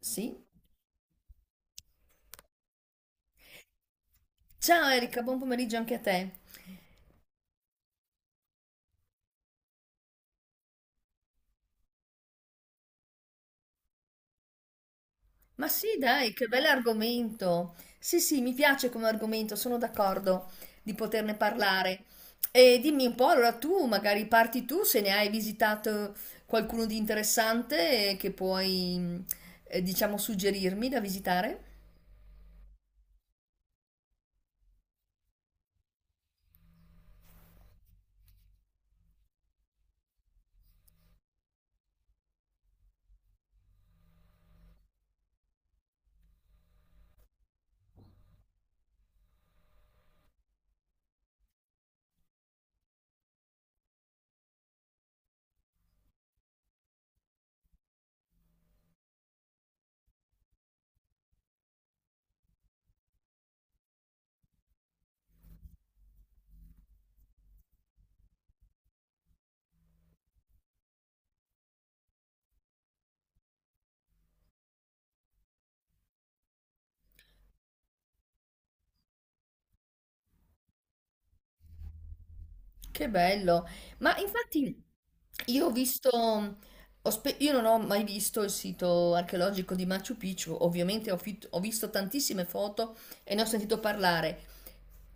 Sì. Ciao Erika, buon pomeriggio anche a te. Ma sì, dai, che bell'argomento. Sì, sì, mi piace come argomento, sono d'accordo di poterne parlare. E dimmi un po', allora tu magari parti tu se ne hai visitato qualcuno di interessante che puoi, diciamo, suggerirmi da visitare. Che bello, ma infatti io ho visto, io non ho mai visto il sito archeologico di Machu Picchu, ovviamente ho visto tantissime foto e ne ho sentito parlare,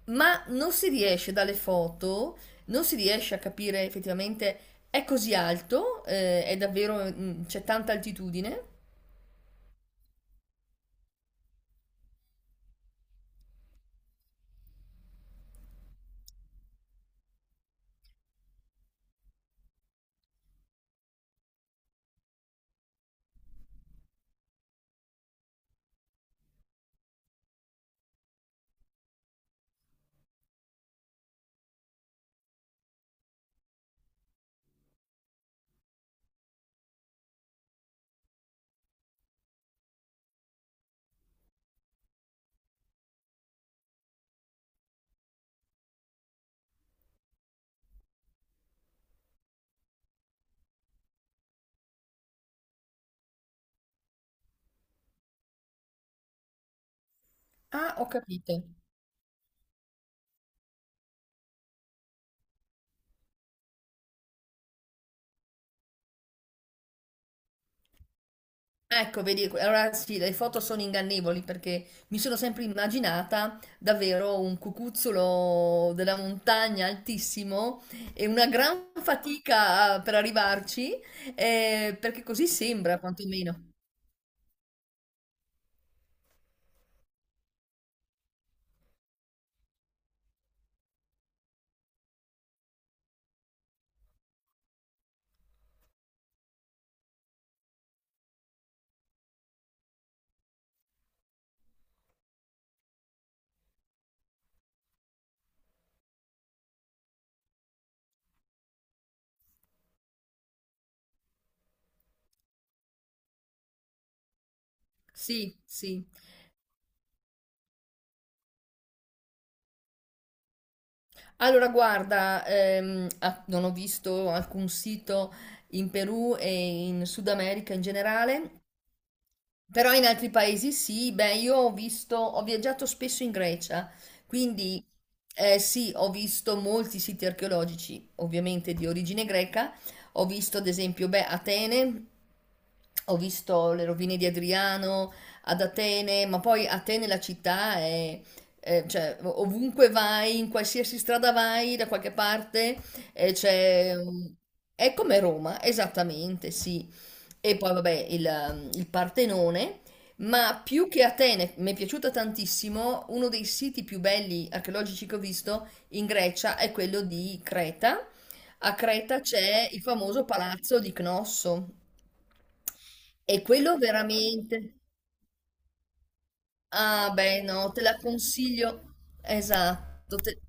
ma non si riesce dalle foto, non si riesce a capire effettivamente è così alto. È davvero, c'è tanta altitudine? Ah, ho capito. Ecco, vedi, allora sì, le foto sono ingannevoli perché mi sono sempre immaginata davvero un cucuzzolo della montagna altissimo e una gran fatica per arrivarci, perché così sembra quantomeno. Sì, sì. Allora, guarda, ah, non ho visto alcun sito in Perù e in Sud America in generale. Però in altri paesi sì, beh, io ho visto, ho viaggiato spesso in Grecia, quindi sì, ho visto molti siti archeologici, ovviamente di origine greca, ho visto ad esempio, beh, Atene, ho visto le rovine di Adriano ad Atene, ma poi Atene la città è, cioè ovunque vai, in qualsiasi strada vai, da qualche parte, c'è. È come Roma, esattamente, sì. E poi vabbè il, il Partenone, ma più che Atene, mi è piaciuta tantissimo, uno dei siti più belli archeologici che ho visto in Grecia è quello di Creta. A Creta c'è il famoso palazzo di Cnosso e quello veramente. Ah, beh, no, te la consiglio. Esatto.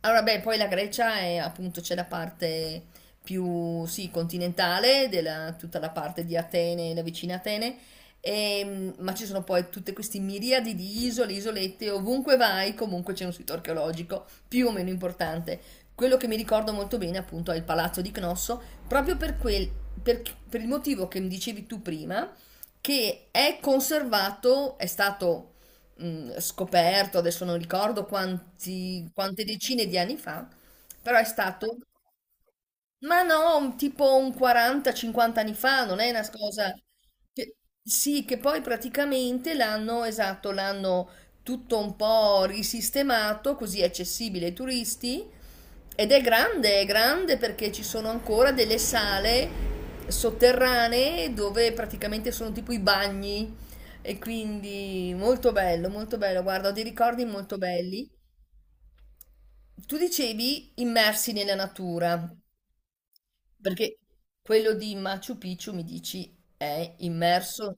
Allora, beh, poi la Grecia è appunto c'è la parte più sì, continentale, della, tutta la parte di Atene, la vicina Atene, e, ma ci sono poi tutte queste miriadi di isole, isolette, ovunque vai comunque c'è un sito archeologico più o meno importante. Quello che mi ricordo molto bene appunto è il palazzo di Cnosso, proprio per, per il motivo che mi dicevi tu prima, che è conservato, è stato scoperto, adesso non ricordo quante decine di anni fa, però è stato. Ma no, tipo un 40-50 anni fa, non è una cosa che- sì, che poi praticamente l'hanno, esatto, l'hanno tutto un po' risistemato, così è accessibile ai turisti ed è grande perché ci sono ancora delle sale sotterranee dove praticamente sono tipo i bagni e quindi molto bello, guarda, ho dei ricordi molto belli. Tu dicevi immersi nella natura. Perché quello di Machu Picchu mi dici è immerso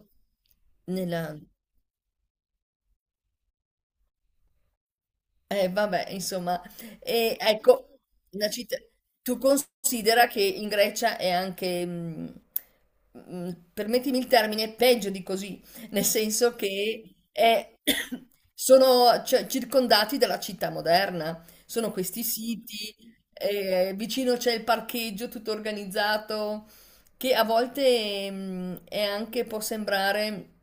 nella. Vabbè, insomma, e ecco, una città. Tu considera che in Grecia è anche, permettimi il termine, peggio di così, nel senso che sono cioè, circondati dalla città moderna, sono questi siti, vicino c'è il parcheggio tutto organizzato, che a volte, è anche, può sembrare.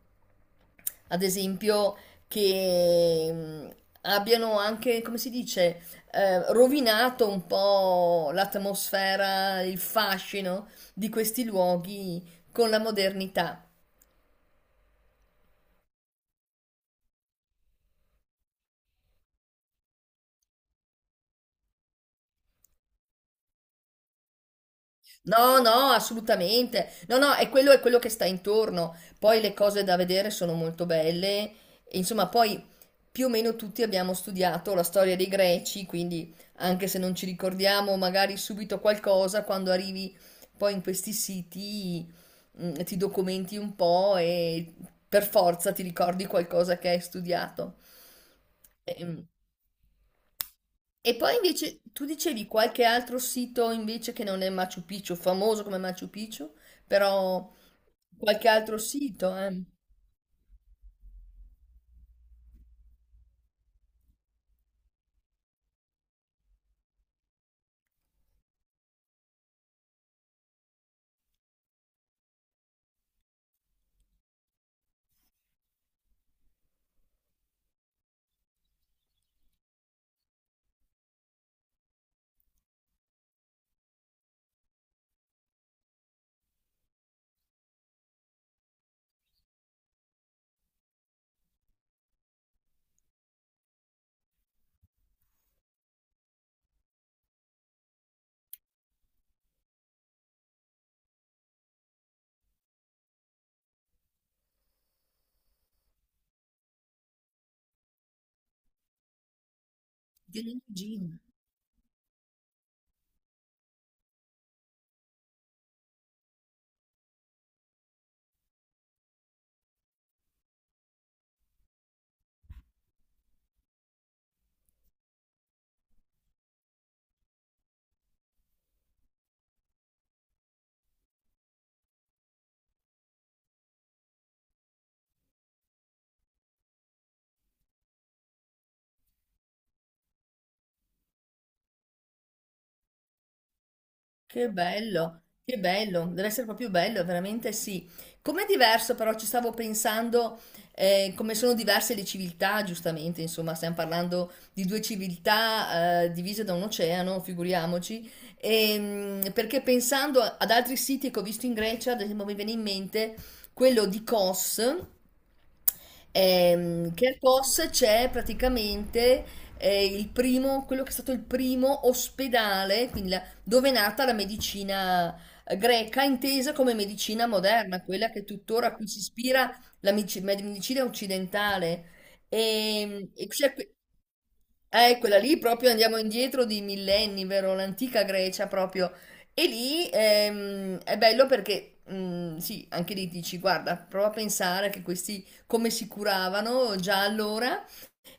Ad esempio, che abbiano anche, come si dice, rovinato un po' l'atmosfera, il fascino di questi luoghi con la modernità. No, no, assolutamente. No, no, è quello che sta intorno. Poi le cose da vedere sono molto belle. E, insomma, poi più o meno tutti abbiamo studiato la storia dei Greci, quindi anche se non ci ricordiamo magari subito qualcosa, quando arrivi poi in questi siti, ti documenti un po' e per forza ti ricordi qualcosa che hai studiato. Ehm, e poi invece tu dicevi qualche altro sito invece che non è Machu Picchu, famoso come Machu Picchu, però qualche altro sito, eh? Di origine. Che bello, deve essere proprio bello, veramente sì. Com'è diverso però, ci stavo pensando, come sono diverse le civiltà, giustamente, insomma, stiamo parlando di due civiltà, divise da un oceano, figuriamoci. Perché pensando ad altri siti che ho visto in Grecia, ad esempio mi viene in mente quello di Kos, che a Kos c'è praticamente il primo, quello che è stato il primo ospedale, quindi la dove è nata la medicina greca, intesa come medicina moderna, quella che tuttora a cui si ispira la medicina occidentale. E c'è quella lì proprio andiamo indietro di millenni, vero? L'antica Grecia proprio. E lì è bello perché, sì, anche lì dici, guarda, prova a pensare che questi come si curavano già allora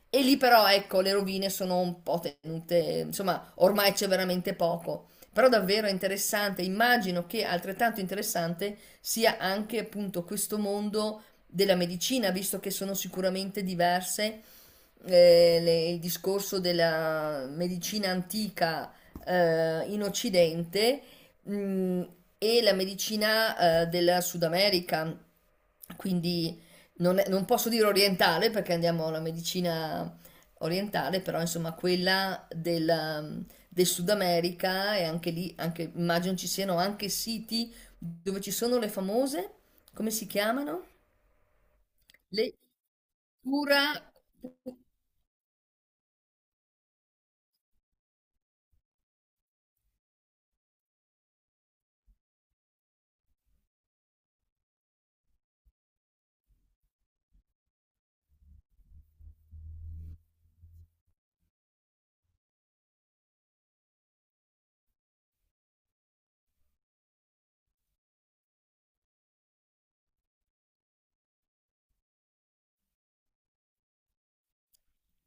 e lì però, ecco, le rovine sono un po' tenute, insomma, ormai c'è veramente poco. Però davvero è interessante, immagino che altrettanto interessante sia anche appunto questo mondo della medicina, visto che sono sicuramente diverse il discorso della medicina antica in Occidente mm, e la medicina della Sud America, quindi non, non posso dire orientale perché andiamo alla medicina orientale, però insomma quella del, del Sud America e anche lì, anche, immagino ci siano anche siti dove ci sono le famose, come si chiamano? Le cura.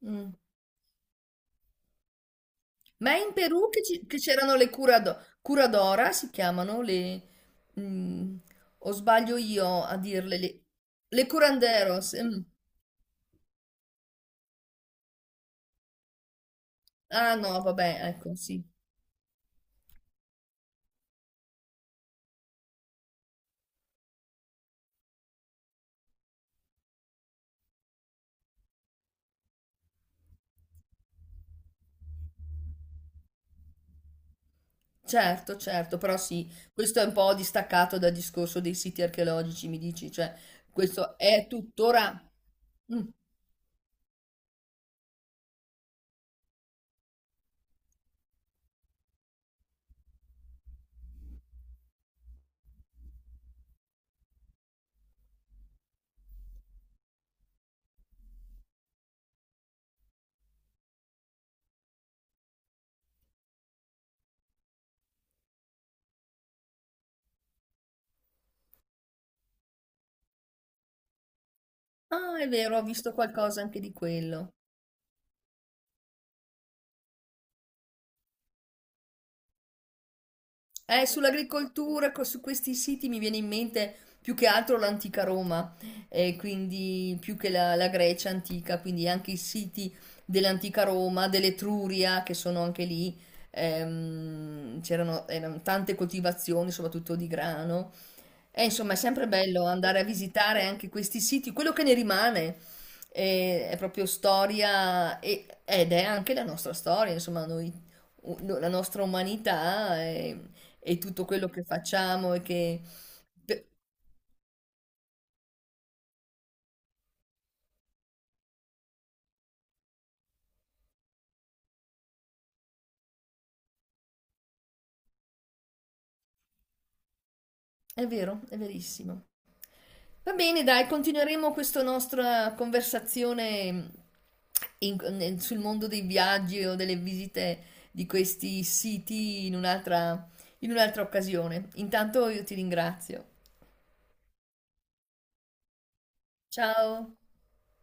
Mm. Ma è in Perù che che c'erano le curadora, si chiamano le, mm, o sbaglio io a dirle le, curanderos? Mm. Ah, no, vabbè, ecco, sì. Certo, certo, però sì, questo è un po' distaccato dal discorso dei siti archeologici, mi dici, cioè questo è tuttora. Mm. Ah, è vero, ho visto qualcosa anche di quello. Sull'agricoltura, su questi siti mi viene in mente più che altro l'antica Roma, e quindi più che la Grecia antica, quindi anche i siti dell'antica Roma, dell'Etruria, che sono anche lì, c'erano erano tante coltivazioni, soprattutto di grano. E insomma, è sempre bello andare a visitare anche questi siti. Quello che ne rimane è, proprio storia ed è anche la nostra storia, insomma, noi, la nostra umanità e tutto quello che facciamo e che. È vero, è verissimo. Va bene, dai, continueremo questa nostra conversazione sul mondo dei viaggi o delle visite di questi siti in un'altra occasione. Intanto io ti ringrazio. Ciao.